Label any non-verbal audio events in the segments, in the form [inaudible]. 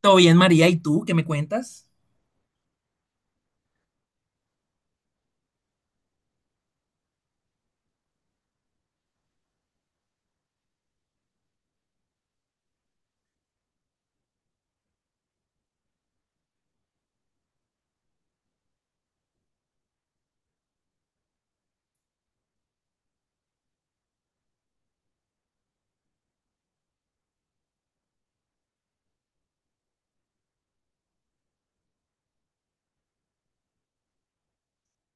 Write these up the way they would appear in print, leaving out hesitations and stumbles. Todo bien, María, ¿y tú qué me cuentas?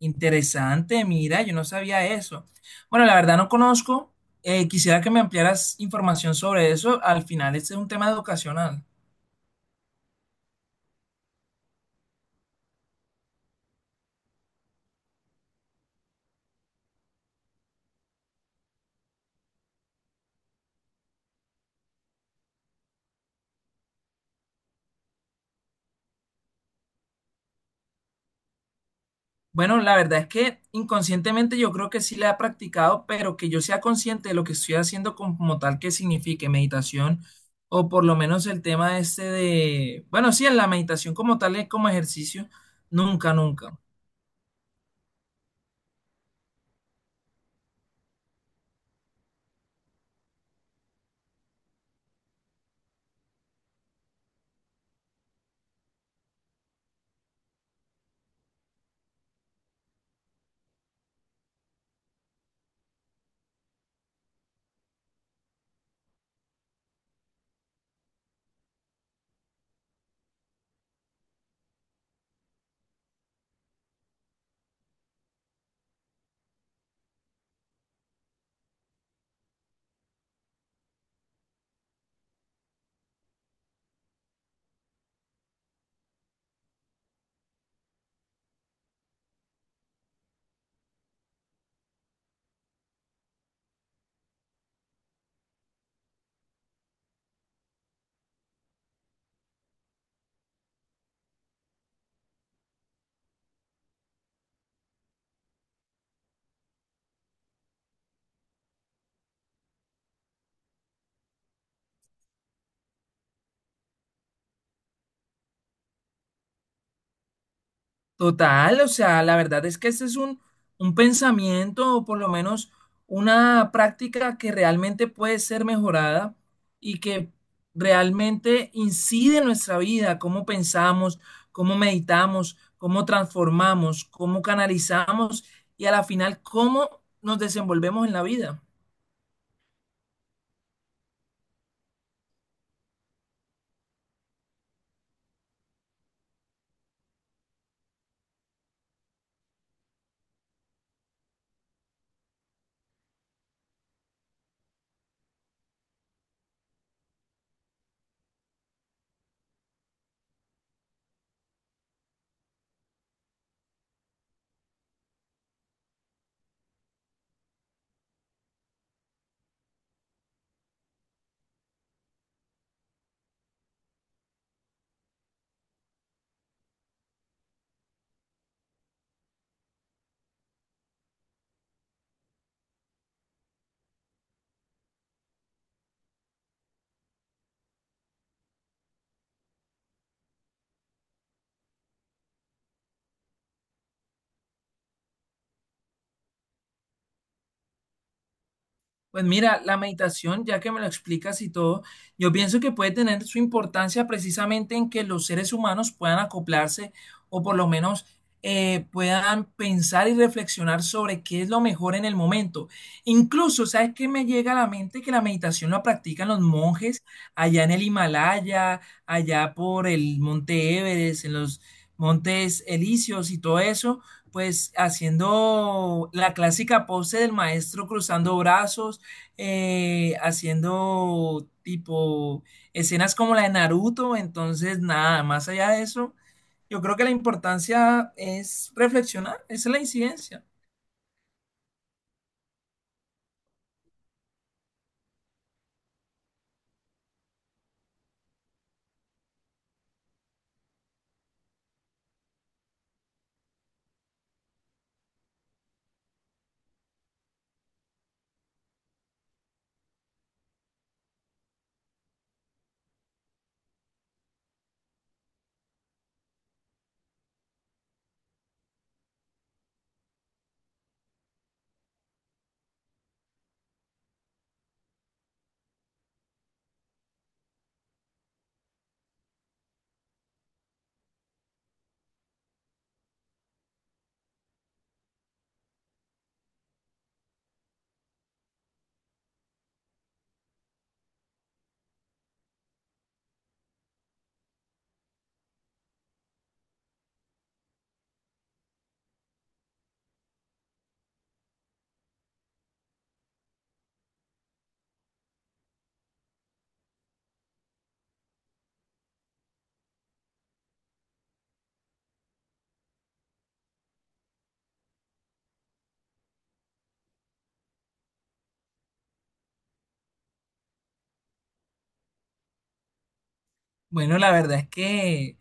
Interesante, mira, yo no sabía eso. Bueno, la verdad no conozco. Quisiera que me ampliaras información sobre eso. Al final, este es un tema educacional. Bueno, la verdad es que inconscientemente yo creo que sí la he practicado, pero que yo sea consciente de lo que estoy haciendo como tal que signifique meditación, o por lo menos el tema este de, bueno, sí, en la meditación como tal es como ejercicio, nunca, nunca. Total, o sea, la verdad es que este es un pensamiento o por lo menos una práctica que realmente puede ser mejorada y que realmente incide en nuestra vida, cómo pensamos, cómo meditamos, cómo transformamos, cómo canalizamos y a la final cómo nos desenvolvemos en la vida. Pues mira, la meditación, ya que me lo explicas y todo, yo pienso que puede tener su importancia precisamente en que los seres humanos puedan acoplarse o por lo menos puedan pensar y reflexionar sobre qué es lo mejor en el momento. Incluso, ¿sabes qué me llega a la mente? Que la meditación la practican los monjes allá en el Himalaya, allá por el Monte Everest, en los Montes Elíseos y todo eso. Pues haciendo la clásica pose del maestro cruzando brazos, haciendo tipo escenas como la de Naruto, entonces nada, más allá de eso, yo creo que la importancia es reflexionar, esa es la incidencia. Bueno, la verdad es que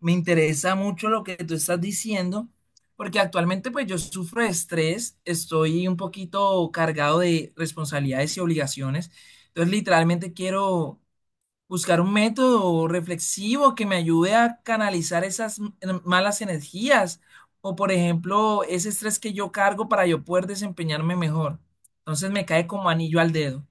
me interesa mucho lo que tú estás diciendo, porque actualmente pues yo sufro de estrés, estoy un poquito cargado de responsabilidades y obligaciones, entonces literalmente quiero buscar un método reflexivo que me ayude a canalizar esas malas energías o, por ejemplo, ese estrés que yo cargo para yo poder desempeñarme mejor. Entonces me cae como anillo al dedo.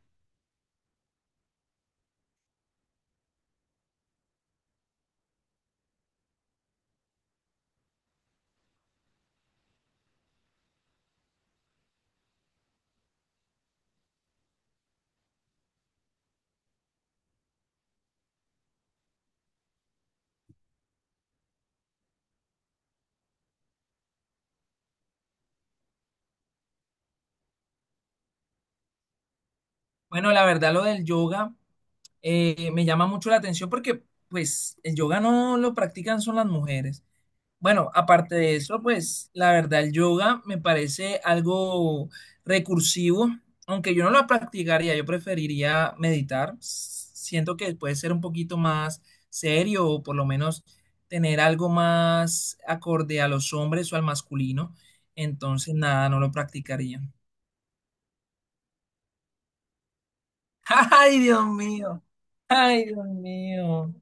Bueno, la verdad lo del yoga, me llama mucho la atención porque pues el yoga no lo practican son las mujeres. Bueno, aparte de eso, pues la verdad el yoga me parece algo recursivo, aunque yo no lo practicaría, yo preferiría meditar. Siento que puede ser un poquito más serio o por lo menos tener algo más acorde a los hombres o al masculino. Entonces, nada, no lo practicaría. [laughs] Ay, Dios mío. Ay, Dios mío.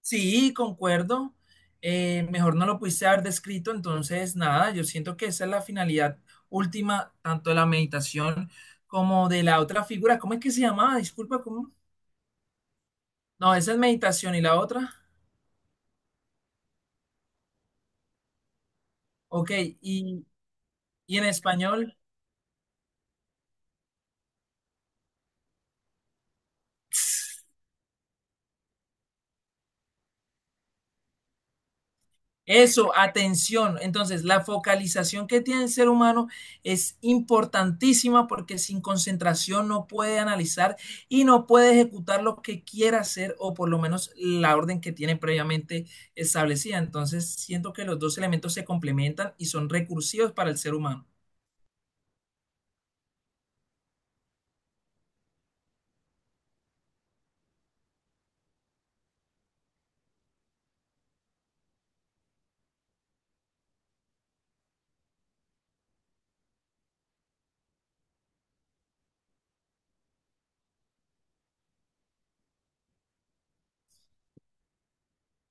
Sí, concuerdo. Mejor no lo pudiste haber descrito, entonces nada, yo siento que esa es la finalidad última, tanto de la meditación como de la otra figura. ¿Cómo es que se llamaba? Disculpa, ¿cómo? No, esa es meditación y la otra. Ok, y, y en español. Eso, atención. Entonces, la focalización que tiene el ser humano es importantísima porque sin concentración no puede analizar y no puede ejecutar lo que quiera hacer o por lo menos la orden que tiene previamente establecida. Entonces, siento que los dos elementos se complementan y son recursivos para el ser humano.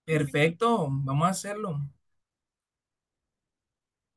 Perfecto, vamos a hacerlo.